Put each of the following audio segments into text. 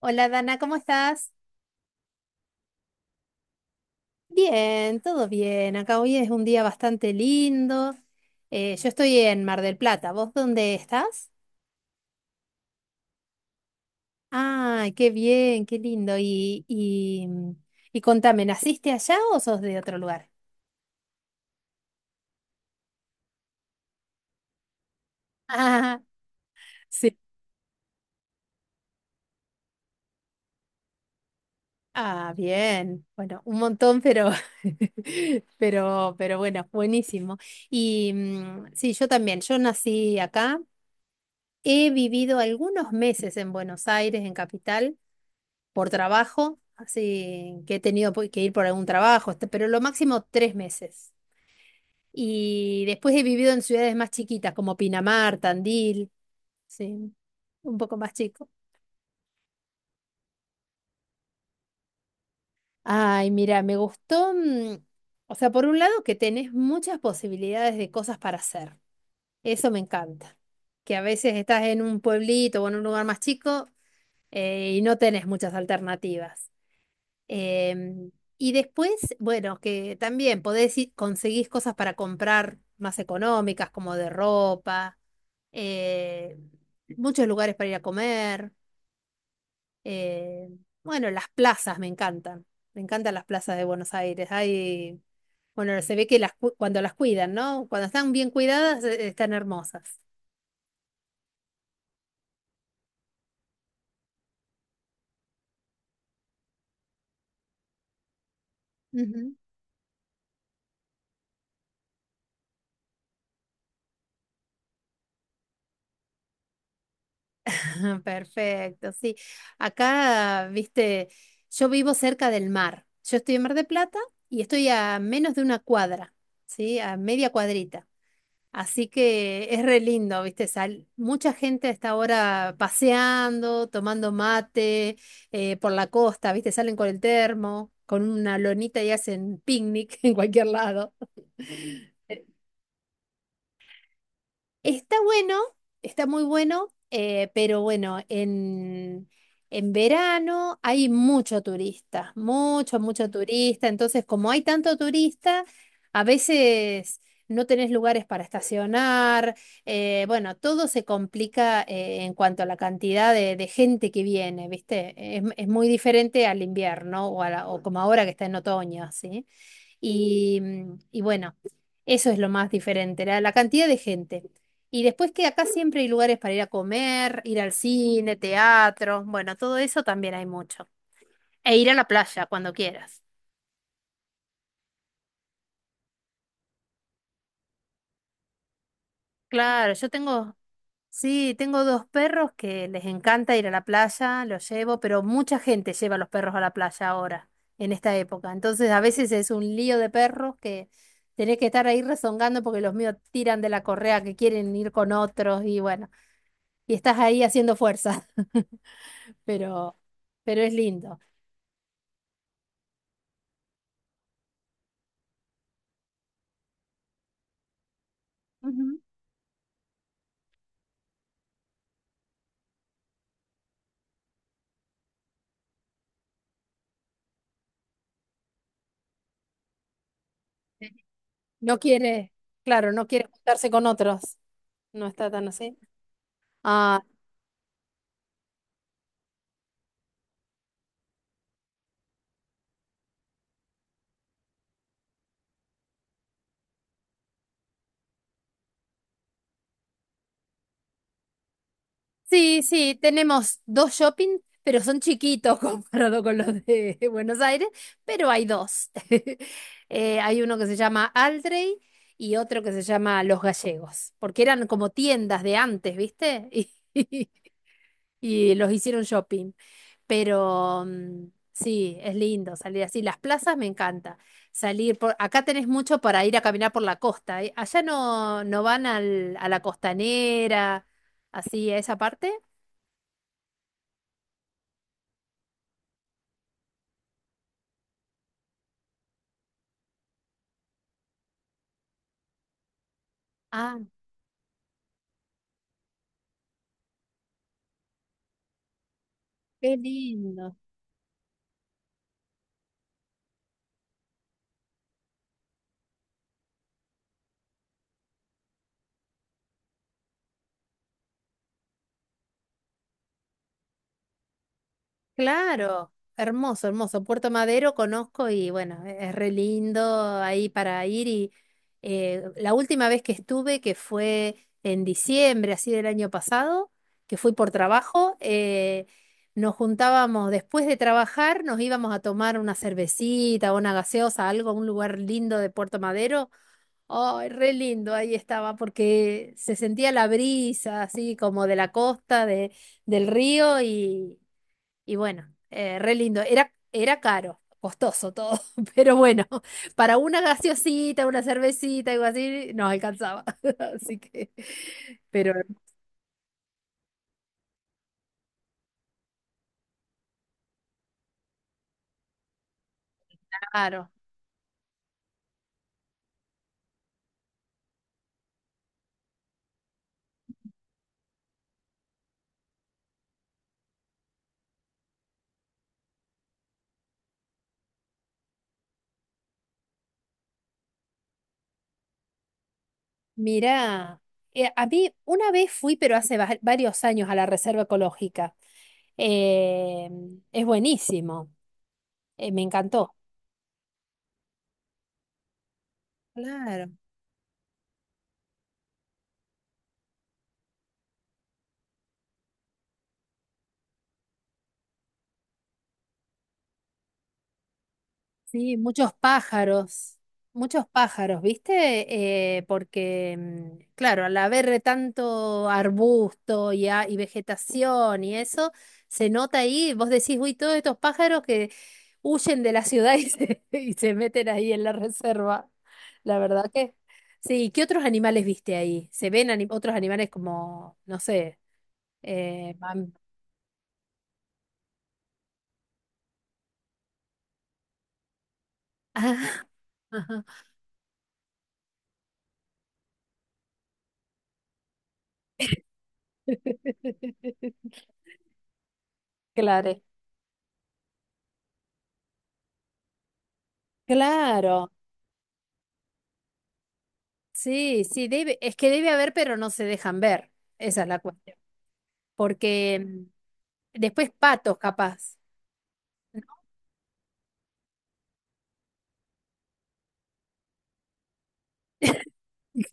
Hola Dana, ¿cómo estás? Bien, todo bien. Acá hoy es un día bastante lindo. Yo estoy en Mar del Plata. ¿Vos dónde estás? Ay, qué bien, qué lindo. Y contame, ¿naciste allá o sos de otro lugar? Ah, sí. Ah, bien. Bueno, un montón, pero, pero bueno, buenísimo. Y sí, yo también. Yo nací acá. He vivido algunos meses en Buenos Aires, en Capital, por trabajo, así que he tenido que ir por algún trabajo, este, pero lo máximo tres meses. Y después he vivido en ciudades más chiquitas, como Pinamar, Tandil, sí, un poco más chico. Ay, mira, me gustó, o sea, por un lado, que tenés muchas posibilidades de cosas para hacer, eso me encanta. Que a veces estás en un pueblito o en un lugar más chico y no tenés muchas alternativas. Em, y después, bueno, que también conseguís cosas para comprar más económicas, como de ropa, eh, muchos lugares para ir a comer, eh, bueno, las plazas me encantan. Me encantan las plazas de Buenos Aires. Hay, bueno, se ve que cuando las cuidan, ¿no? Cuando están bien cuidadas, están hermosas. Perfecto, sí. Acá, viste, yo vivo cerca del mar. Yo estoy en Mar de Plata y estoy a menos de una cuadra, ¿sí? A media cuadrita. Así que es re lindo, viste, sal. Mucha gente está ahora paseando, tomando mate, por la costa, viste, salen con el termo, con una lonita y hacen picnic en cualquier lado. Está bueno, está muy bueno, pero bueno, en verano hay mucho turista, mucho turista. Entonces, como hay tanto turista, a veces no tenés lugares para estacionar, bueno, todo se complica en cuanto a la cantidad de gente que viene, ¿viste? Es muy diferente al invierno o, o como ahora que está en otoño, ¿sí? Y, y bueno, eso es lo más diferente, la cantidad de gente. Y después que acá siempre hay lugares para ir a comer, ir al cine, teatro, bueno, todo eso también hay mucho. E ir a la playa cuando quieras. Claro, yo tengo, sí, tengo dos perros que les encanta ir a la playa, los llevo, pero mucha gente lleva a los perros a la playa ahora, en esta época. Entonces a veces es un lío de perros, que tenés que estar ahí rezongando porque los míos tiran de la correa, que quieren ir con otros y bueno, y estás ahí haciendo fuerza, pero, pero es lindo. Ujú. No quiere, claro, no quiere juntarse con otros. No está tan así. Ah, sí, sí, tenemos dos shopping, pero son chiquitos comparado con los de Buenos Aires, pero hay dos. Hay uno que se llama Aldrey y otro que se llama Los Gallegos, porque eran como tiendas de antes, ¿viste? Y, y los hicieron shopping. Pero sí, es lindo salir así. Las plazas me encanta. Salir por acá tenés mucho para ir a caminar por la costa, ¿eh? Allá no, no van al, a la costanera, así a esa parte. Ah, qué lindo. Claro, hermoso, hermoso. Puerto Madero conozco y bueno, es re lindo ahí para ir y la última vez que estuve, que fue en diciembre, así del año pasado, que fui por trabajo, nos juntábamos después de trabajar, nos íbamos a tomar una cervecita, una gaseosa, algo, un lugar lindo de Puerto Madero. Ay, re lindo, ahí estaba, porque se sentía la brisa así como de la costa, de, del río y bueno, re lindo. Era, era caro, costoso todo, pero bueno, para una gaseosita, una cervecita, algo así, nos alcanzaba. Así que, pero claro, mira, a mí una vez fui, pero hace varios años, a la Reserva Ecológica. Eh, es buenísimo, me encantó. Claro. Sí, muchos pájaros, ¿viste? Porque, claro, al haber tanto arbusto y, y vegetación y eso, se nota ahí, vos decís, uy, todos estos pájaros que huyen de la ciudad y se, y se meten ahí en la reserva. La verdad que... Sí, ¿qué otros animales viste ahí? ¿Se ven otros animales como, no sé, eh, mam- ajá. Claro, claro. Sí, sí, debe, es que debe haber, pero no se dejan ver. Esa es la cuestión. Porque después patos, capaz.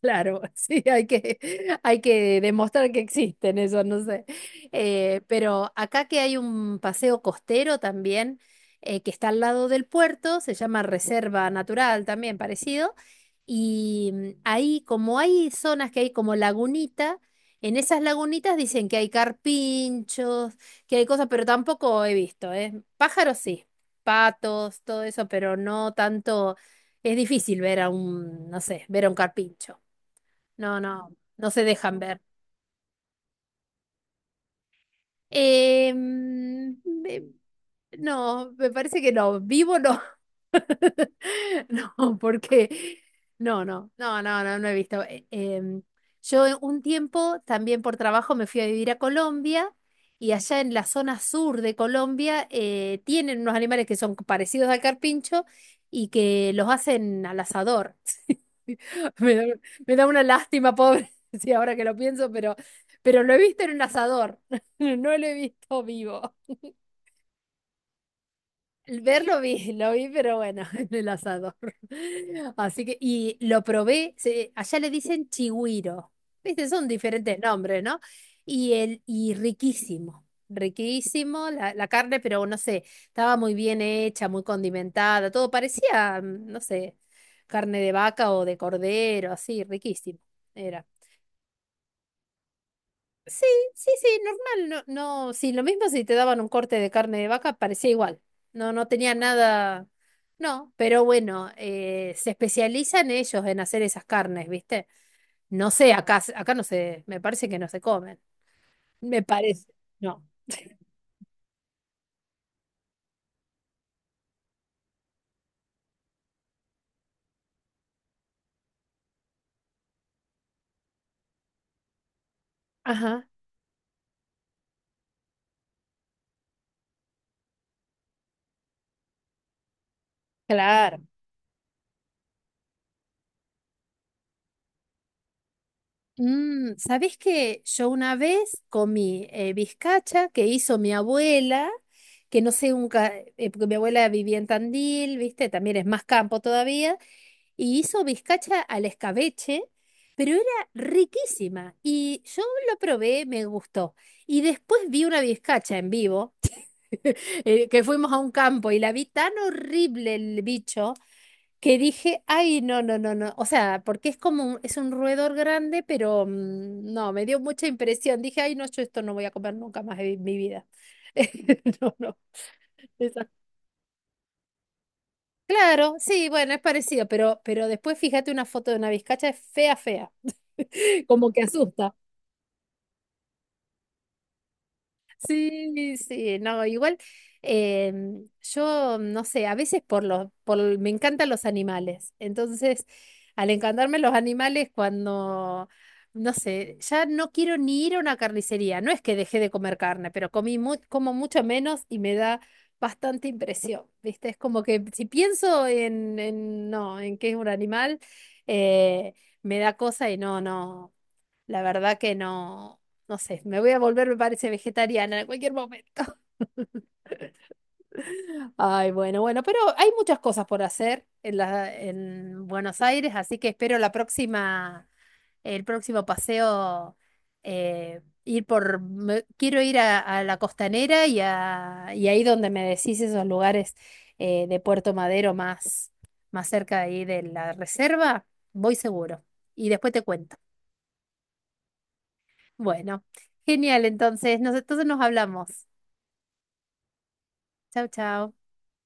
Claro, sí, hay que demostrar que existen, eso no sé. Pero acá que hay un paseo costero también, que está al lado del puerto, se llama Reserva Natural también, parecido, y ahí como hay zonas que hay como lagunita, en esas lagunitas dicen que hay carpinchos, que hay cosas, pero tampoco he visto, ¿eh? Pájaros sí, patos, todo eso, pero no tanto, es difícil ver a un, no sé, ver a un carpincho. No, no, no se dejan ver. Eh, mm, me- no, me parece que no, vivo no. No, porque no, no, no, no, no, no he visto. Yo en un tiempo también por trabajo me fui a vivir a Colombia y allá en la zona sur de Colombia tienen unos animales que son parecidos al carpincho y que los hacen al asador. Me da, me da una lástima, pobre, sí, ahora que lo pienso, pero lo he visto en un asador, no lo he visto vivo. El ver lo vi, lo vi, pero bueno, en el asador. Así que, y lo probé, allá le dicen chigüiro, ¿viste? Son diferentes nombres, ¿no? Y, el, y riquísimo, riquísimo la, la carne, pero no sé, estaba muy bien hecha, muy condimentada, todo parecía, no sé, carne de vaca o de cordero, así, riquísimo. Era. Sí, sí, sí, normal, no, no, sí, lo mismo si te daban un corte de carne de vaca, parecía igual, no, no tenía nada, no, pero bueno, se especializan ellos en hacer esas carnes, ¿viste? No sé, acá, acá no se, me parece que no se comen, me parece, no, ajá, claro. ¿Sabés qué? Yo una vez comí bizcacha que hizo mi abuela, que no sé, nunca, porque mi abuela vivía en Tandil, ¿viste? También es más campo todavía, y hizo bizcacha al escabeche, pero era riquísima. Y yo lo probé, me gustó. Y después vi una bizcacha en vivo, que fuimos a un campo y la vi tan horrible el bicho, que dije, ay, no, no, no, no. O sea, porque es como un, es un roedor grande, pero no, me dio mucha impresión. Dije, ay, no, yo esto no voy a comer nunca más en mi vida. No, no. esa- Claro, sí, bueno, es parecido, pero después fíjate una foto de una vizcacha, es fea, fea, como que asusta. Sí, sí, no, igual yo no sé, a veces por los, por, me encantan los animales, entonces al encantarme los animales cuando, no sé, ya no quiero ni ir a una carnicería, no es que dejé de comer carne, pero comí como mucho menos y me da bastante impresión, ¿viste? Es como que si pienso en no, en qué es un animal, eh, me da cosa y no, no. La verdad que no, no sé, me voy a volver, me parece, vegetariana en cualquier momento. Ay, bueno, bueno, pero hay muchas cosas por hacer en la, en Buenos Aires, así que espero la próxima, el próximo paseo, ir por, quiero ir a la costanera y, a, y ahí donde me decís esos lugares de Puerto Madero más, más cerca de ahí de la reserva, voy seguro. Y después te cuento. Bueno, genial, entonces nos hablamos. Chao, chao.